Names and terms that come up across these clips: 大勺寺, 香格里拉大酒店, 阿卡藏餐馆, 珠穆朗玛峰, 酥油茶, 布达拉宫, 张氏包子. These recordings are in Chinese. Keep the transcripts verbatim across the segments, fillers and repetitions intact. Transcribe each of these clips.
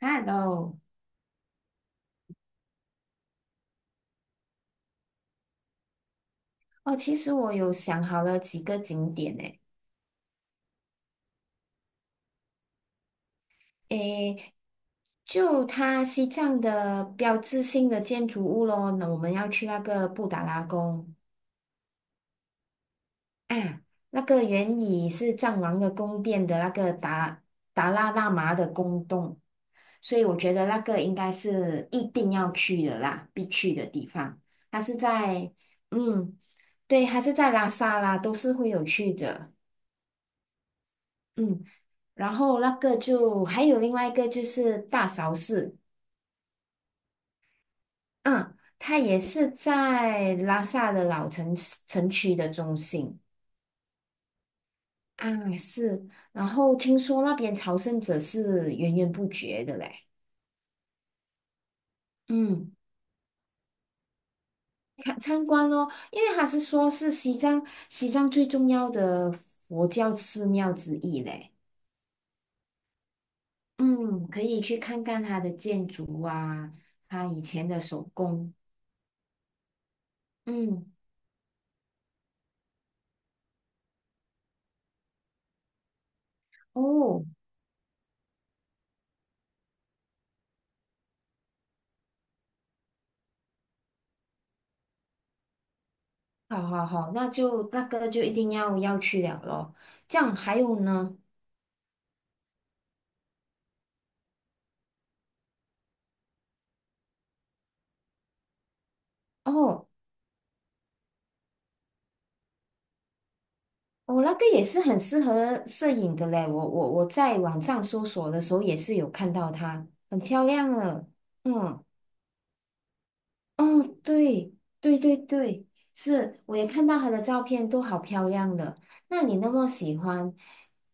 h e 哦，其实我有想好了几个景点诶，诶，就它西藏的标志性的建筑物咯，那我们要去那个布达拉宫啊，那个原以是藏王的宫殿的那个达达拉喇嘛的宫洞，所以我觉得那个应该是一定要去的啦，必去的地方。它是在，嗯，对，它是在拉萨啦，都是会有去的。嗯。然后那个就还有另外一个就是大勺寺，嗯，它也是在拉萨的老城市城区的中心啊，是。然后听说那边朝圣者是源源不绝的嘞，嗯，看参观咯，因为他是说是西藏西藏最重要的佛教寺庙之一嘞，嗯，可以去看看它的建筑啊，它以前的手工，嗯，哦。好好好，那就那个就一定要要去了咯。这样还有呢？哦，我、那个也是很适合摄影的嘞。我我我在网上搜索的时候也是有看到它，很漂亮了。嗯，哦，对对对对，是，我也看到它的照片，都好漂亮的。那你那么喜欢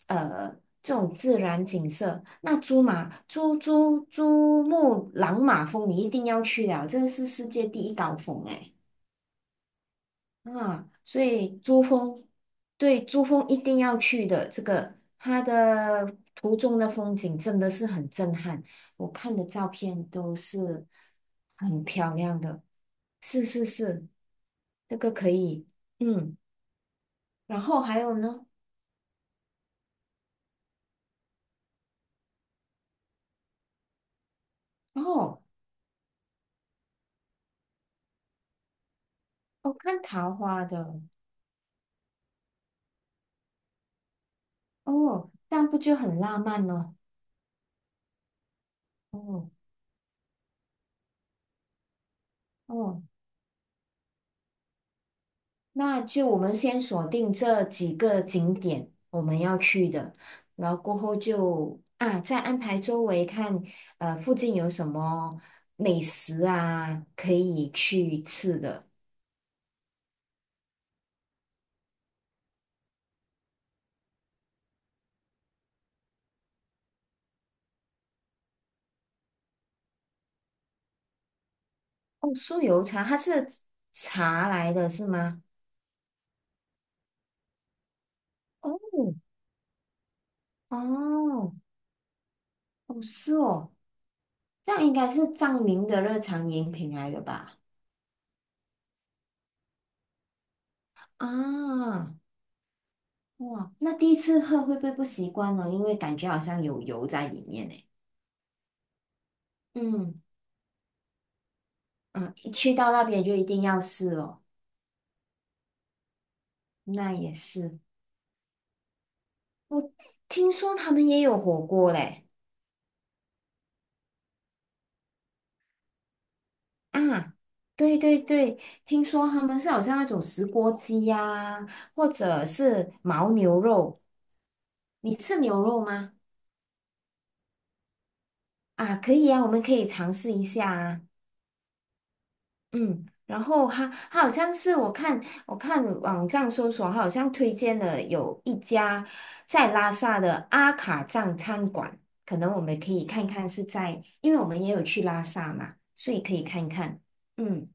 呃这种自然景色，那珠马珠珠珠穆朗玛峰你一定要去了，这是世界第一高峰哎。啊，所以珠峰，对，珠峰一定要去的。这个它的途中的风景真的是很震撼，我看的照片都是很漂是是是，这个可以，嗯。然后还有呢？哦，哦，看桃花的，哦，这样不就很浪漫了？哦哦。那就我们先锁定这几个景点我们要去的，然后过后就啊再安排周围看，呃附近有什么美食啊可以去吃的。哦，酥油茶它是茶来的是吗？哦哦哦是哦，这样应该是藏民的日常饮品来的吧？啊哇，那第一次喝会不会不习惯呢？因为感觉好像有油在里面呢。嗯嗯，一去到那边就一定要试哦。那也是，我听说他们也有火锅嘞。啊，对对对，听说他们是好像那种石锅鸡呀、或者是牦牛肉。你吃牛肉吗？啊，可以啊，我们可以尝试一下啊。嗯，然后他他好像是我看我看网站搜索，他好像推荐了有一家在拉萨的阿卡藏餐馆，可能我们可以看看是在，因为我们也有去拉萨嘛，所以可以看看。嗯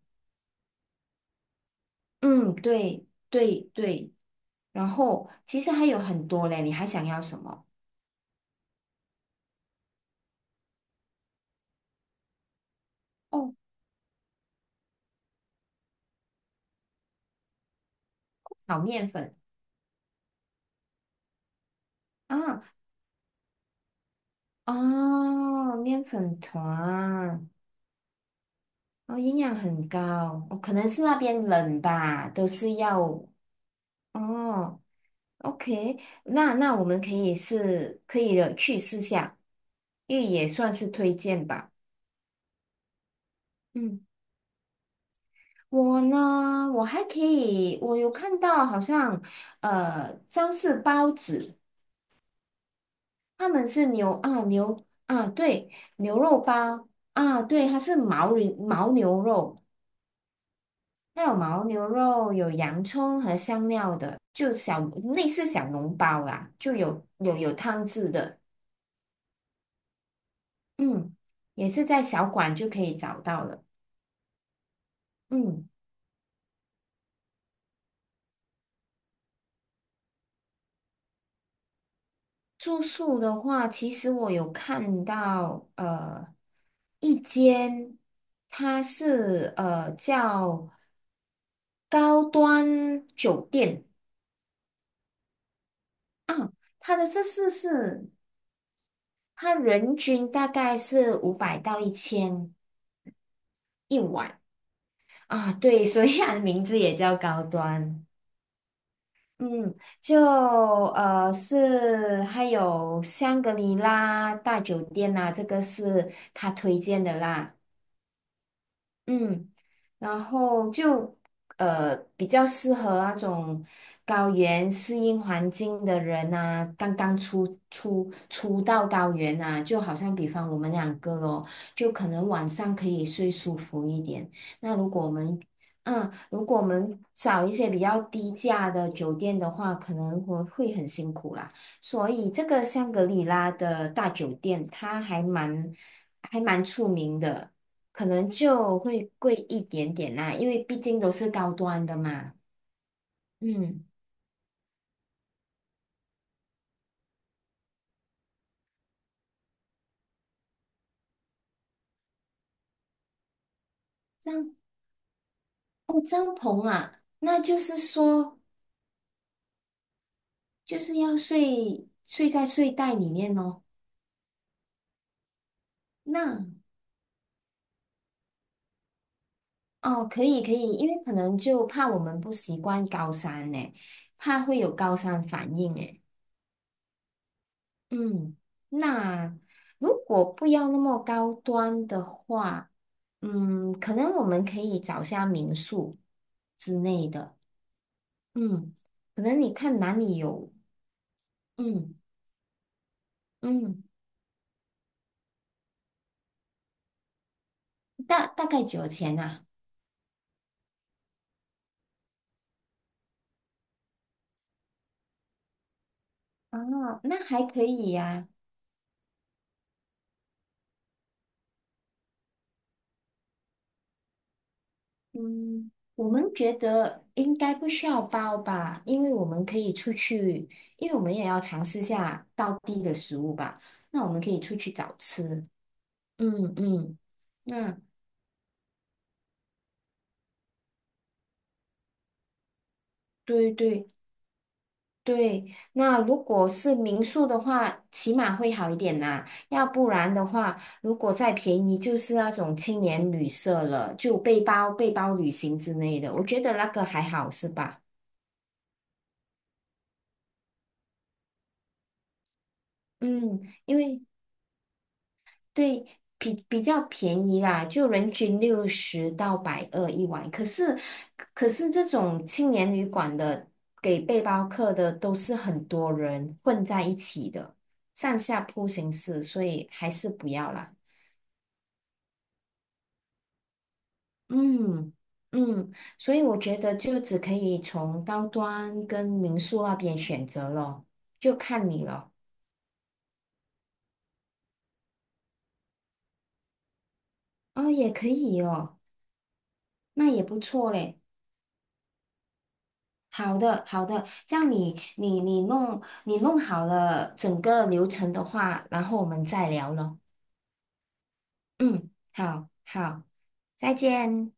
嗯，对对对，然后其实还有很多嘞，你还想要什么？哦，炒面粉啊，哦，面粉团，哦，营养很高，哦，可能是那边冷吧，都是要哦，OK,那那我们可以是可以的去试下，因为也算是推荐吧。嗯，我呢，我还可以，我有看到好像呃，张氏包子，他们是牛啊牛啊对牛肉包啊对，它是牦牛牦牛肉。它有牦牛肉，有洋葱和香料的，就小类似小笼包啦，就有有有汤汁的，嗯，也是在小馆就可以找到了。嗯，住宿的话，其实我有看到呃一间，它是呃叫高端酒店啊，它的设施是它人均大概是五百到一千一晚。啊，对，所以它的名字也叫高端。嗯，就呃是还有香格里拉大酒店呐、这个是他推荐的啦。嗯。然后就呃比较适合那种高原适应环境的人呐，刚刚出出出到高原啊，就好像比方我们两个咯，就可能晚上可以睡舒服一点。那如果我们嗯，如果我们找一些比较低价的酒店的话，可能会会很辛苦啦。所以这个香格里拉的大酒店，它还蛮还蛮出名的。可能就会贵一点点啦，因为毕竟都是高端的嘛。嗯，帐哦帐篷啊，那就是说就是要睡睡在睡袋里面哦。那哦可以可以，因为可能就怕我们不习惯高山呢，怕会有高山反应诶。嗯，那如果不要那么高端的话，嗯，可能我们可以找下民宿之类的。嗯，可能你看哪里有，嗯嗯，大大概九钱呐、啊，哦那还可以呀、嗯，我们觉得应该不需要包吧，因为我们可以出去，因为我们也要尝试下道地的食物吧，那我们可以出去找吃，嗯嗯，那对对，对，那如果是民宿的话，起码会好一点啦。要不然的话，如果再便宜，就是那种青年旅社了，就背包背包旅行之类的。我觉得那个还好，是吧？嗯，因为对比比较便宜啦，就人均六十到百二一晚。可是可是这种青年旅馆的给背包客的都是很多人混在一起的，上下铺形式，所以还是不要啦。嗯嗯，所以我觉得就只可以从高端跟民宿那边选择咯，就看你了。哦，也可以哦，那也不错嘞。好的好的，这样你你你弄你弄好了整个流程的话，然后我们再聊咯。嗯，好好，再见。